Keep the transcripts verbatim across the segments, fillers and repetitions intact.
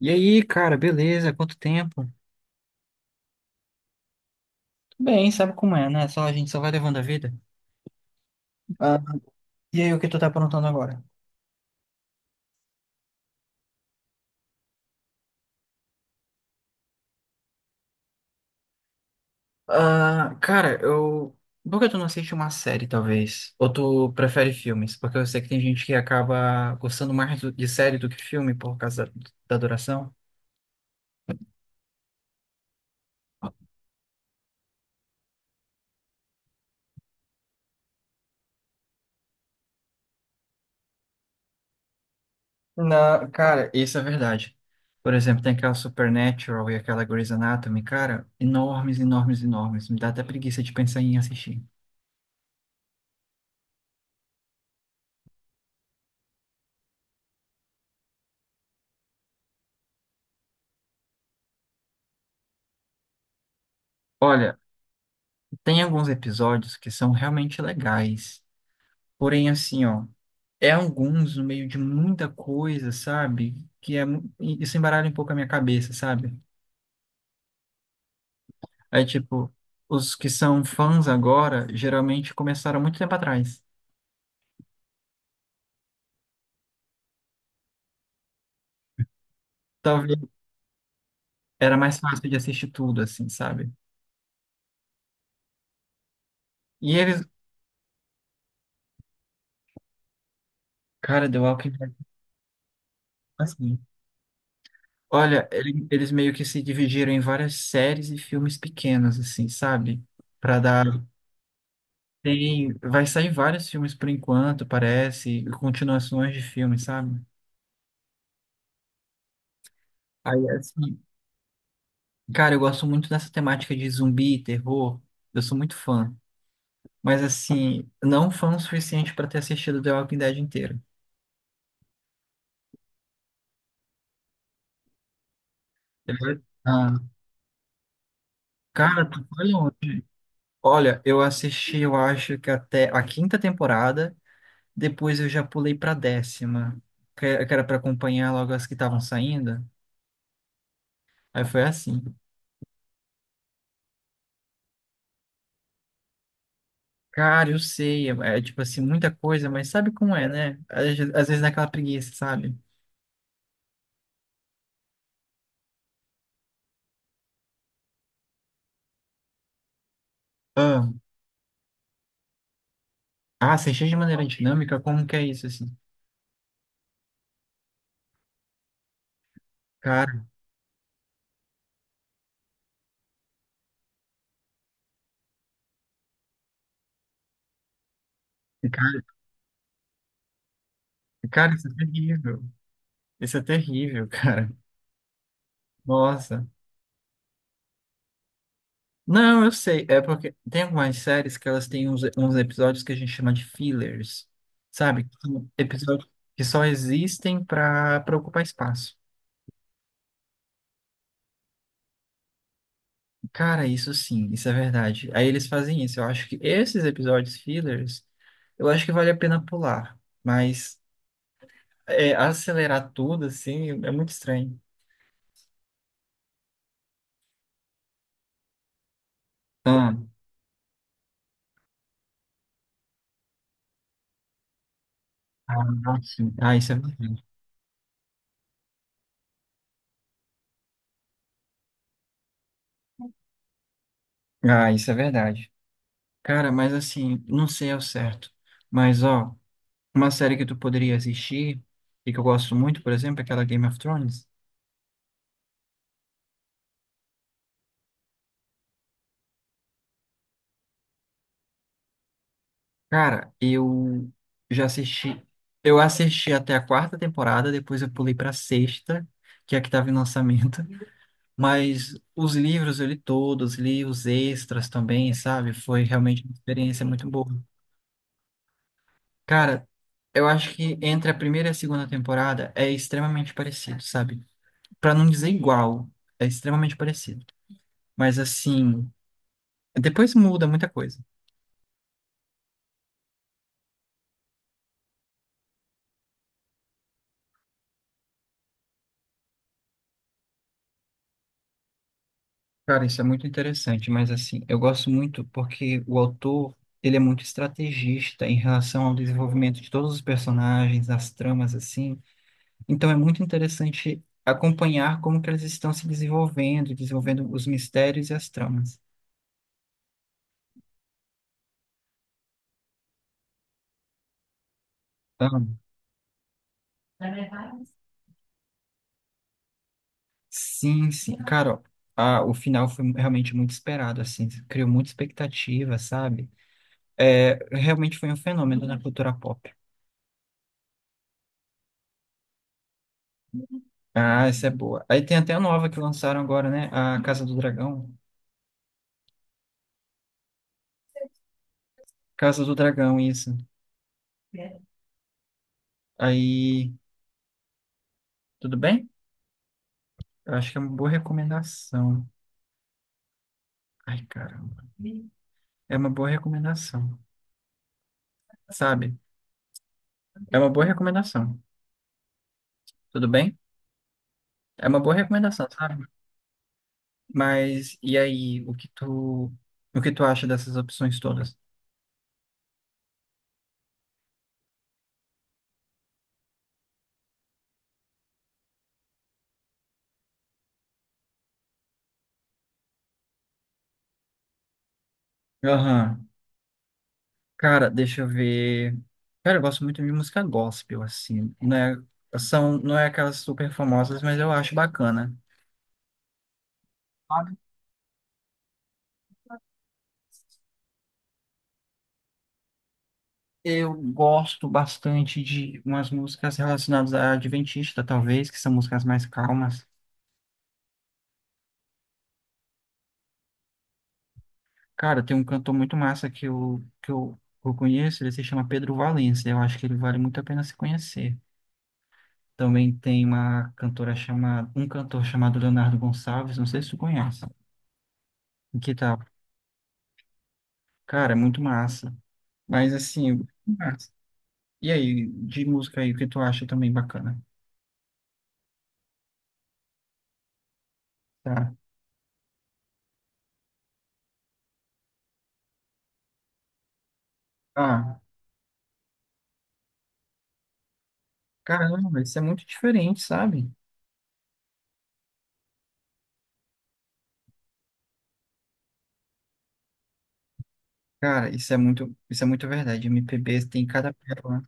E aí, cara, beleza? Quanto tempo? Tudo bem, sabe como é, né? Só a gente só vai levando a vida. Ah, e aí, o que tu tá aprontando agora? Ah, cara, eu. Por que tu não assiste uma série, talvez? Ou tu prefere filmes? Porque eu sei que tem gente que acaba gostando mais do- de série do que filme por causa da, da duração. Não, cara, isso é verdade. Por exemplo, tem aquela Supernatural e aquela Grey's Anatomy, cara, enormes, enormes, enormes. Me dá até preguiça de pensar em assistir. Olha. Tem alguns episódios que são realmente legais. Porém, assim, ó, é alguns no meio de muita coisa, sabe? Que é, mu- e isso embaralha um pouco a minha cabeça, sabe? É tipo, os que são fãs agora, geralmente começaram muito tempo atrás. Talvez era mais fácil de assistir tudo, assim, sabe? E eles, cara, The Walking Dead, assim, olha, ele- eles meio que se dividiram em várias séries e filmes pequenos, assim, sabe? Pra dar. Tem, vai sair vários filmes por enquanto, parece, e continuações de filmes, sabe? Aí, assim, cara, eu gosto muito dessa temática de zumbi, terror, eu sou muito fã. Mas, assim, não fã o suficiente para ter assistido The Walking Dead inteiro. Eu. Ah, cara, tu foi longe. Olha, eu assisti, eu acho que até a quinta temporada, depois eu já pulei pra décima, que que era pra acompanhar logo as que estavam saindo. Aí foi assim. Cara, eu sei, é, é, tipo assim, muita coisa, mas sabe como é, né? Às, às vezes naquela preguiça, sabe? Ah, ah, você enche de maneira dinâmica, como que é isso, assim? Cara, cara, cara, isso é terrível. Isso é terrível, cara. Nossa. Não, eu sei, é porque tem algumas séries que elas têm uns, uns episódios que a gente chama de fillers, sabe? Que são episódios que só existem para ocupar espaço. Cara, isso sim, isso é verdade. Aí eles fazem isso. Eu acho que esses episódios fillers, eu acho que vale a pena pular. Mas é, acelerar tudo, assim, é muito estranho. Ah, ah, ah, sim. Ah, isso é verdade. Ah, isso é verdade. Cara, mas assim, não sei ao certo. Mas, ó, uma série que tu poderia assistir, e que eu gosto muito, por exemplo, é aquela Game of Thrones. Cara, eu já assisti. Eu assisti até a quarta temporada, depois eu pulei pra sexta, que é a que tava em lançamento. Mas os livros eu li todos, li os extras também, sabe? Foi realmente uma experiência muito boa. Cara, eu acho que entre a primeira e a segunda temporada é extremamente parecido, sabe? Pra não dizer igual, é extremamente parecido. Mas assim, depois muda muita coisa. Cara, isso é muito interessante, mas assim, eu gosto muito porque o autor, ele é muito estrategista em relação ao desenvolvimento de todos os personagens, as tramas, assim. Então é muito interessante acompanhar como que eles estão se desenvolvendo, desenvolvendo os mistérios e as tramas. Então, sim, sim. Cara, ó, a- o final foi realmente muito esperado, assim, criou muita expectativa, sabe? É, realmente foi um fenômeno na cultura pop. Ah, essa é boa. Aí tem até a nova que lançaram agora, né? A Casa do Dragão. Casa do Dragão, isso. Aí, tudo bem? Eu acho que é uma boa recomendação. Ai, caramba. É uma boa recomendação, sabe? É uma boa recomendação. Tudo bem? É uma boa recomendação, sabe? Mas e aí, o que tu, o que tu acha dessas opções todas? Aham. Cara, deixa eu ver. Cara, eu gosto muito de música gospel, assim. Não é, são, não é aquelas super famosas, mas eu acho bacana. Sabe? Eu gosto bastante de umas músicas relacionadas à Adventista, talvez, que são músicas mais calmas. Cara, tem um cantor muito massa que eu, que eu, que eu conheço, ele se chama Pedro Valença. Eu acho que ele vale muito a pena se conhecer. Também tem uma cantora chamada, um cantor chamado Leonardo Gonçalves, não sei se tu conhece, que tá, cara, é muito massa. Mas assim, mas- e aí, de música aí, o que tu acha também bacana? Tá. Ah, caramba, isso é muito diferente, sabe? Cara, isso é muito, isso é muito verdade. M P B tem cada pérola.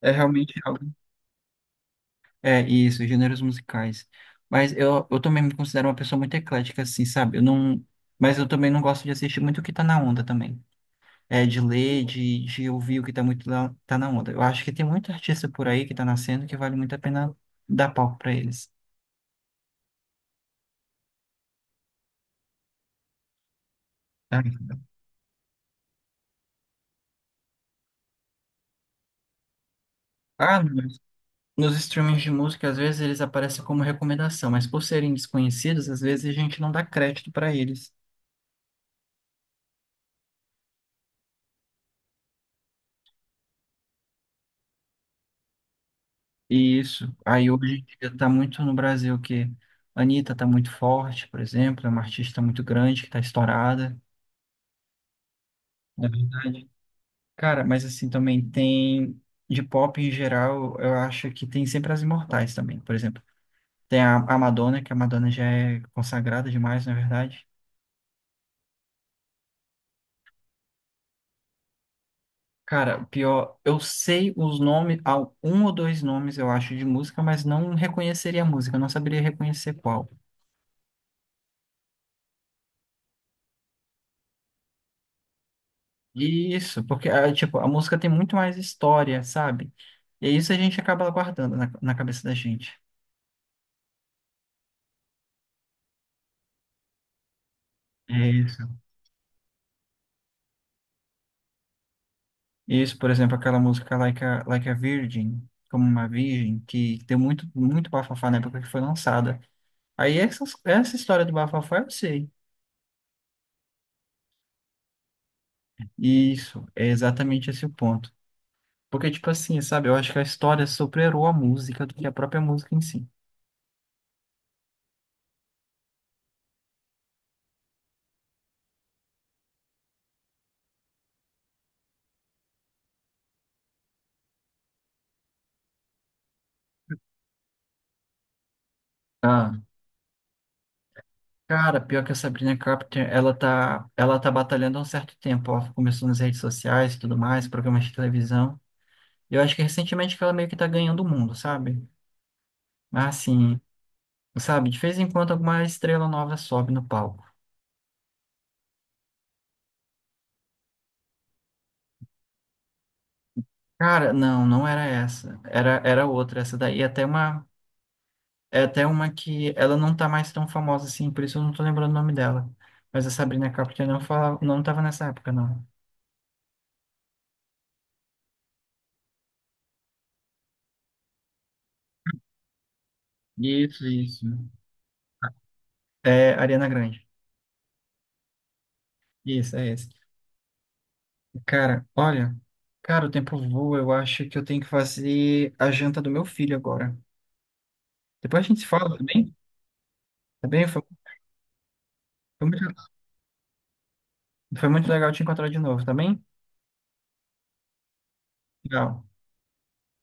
É, é realmente algo. É isso, gêneros musicais. Mas eu, eu também me considero uma pessoa muito eclética, assim, sabe? Eu não, mas eu também não gosto de assistir muito o que tá na onda também. É, de ler, de, de ouvir o que tá muito lá tá na onda. Eu acho que tem muito artista por aí que tá nascendo que vale muito a pena dar palco pra eles. É. Ah, nos nos streamings de música, às vezes eles aparecem como recomendação, mas por serem desconhecidos, às vezes a gente não dá crédito para eles. E isso, aí hoje em dia tá muito no Brasil que a Anitta tá muito forte, por exemplo, é uma artista muito grande que tá estourada, na verdade. Cara, mas assim também tem de pop em geral, eu acho que tem sempre as imortais também, por exemplo. Tem a, a Madonna, que a Madonna já é consagrada demais, na verdade. Cara, pior, eu sei os nomes, há um ou dois nomes, eu acho, de música, mas não reconheceria a música, não saberia reconhecer qual. Isso, porque, ah, tipo, a música tem muito mais história, sabe? E isso a gente acaba guardando na, na cabeça da gente. É isso. Isso, por exemplo, aquela música Like a, Like a Virgin, como uma virgem, que deu muito, muito bafafá na época que foi lançada. Aí essas, essa história do bafafá eu sei. Isso, é exatamente esse o ponto. Porque, tipo assim, sabe? Eu acho que a história superou a música do que a própria música em si. Ah, cara, pior que a Sabrina Carpenter, ela tá, ela tá batalhando há um certo tempo. Ela começou nas redes sociais e tudo mais, programas de televisão. E eu acho que recentemente que ela meio que tá ganhando o mundo, sabe? Mas assim, sabe? De vez em quando alguma estrela nova sobe no palco. Cara, não, não era essa. Era, era outra. Essa daí é até uma É até uma que ela não tá mais tão famosa assim, por isso eu não tô lembrando o nome dela. Mas a Sabrina Carpenter não fala, não tava nessa época, não. Isso, isso. É Ariana Grande. Isso, é esse. Cara, olha, cara, o tempo voa, eu acho que eu tenho que fazer a janta do meu filho agora. Depois a gente se fala, tá bem? Tá bem? Foi, foi muito, foi muito legal te encontrar de novo, tá bem? Legal.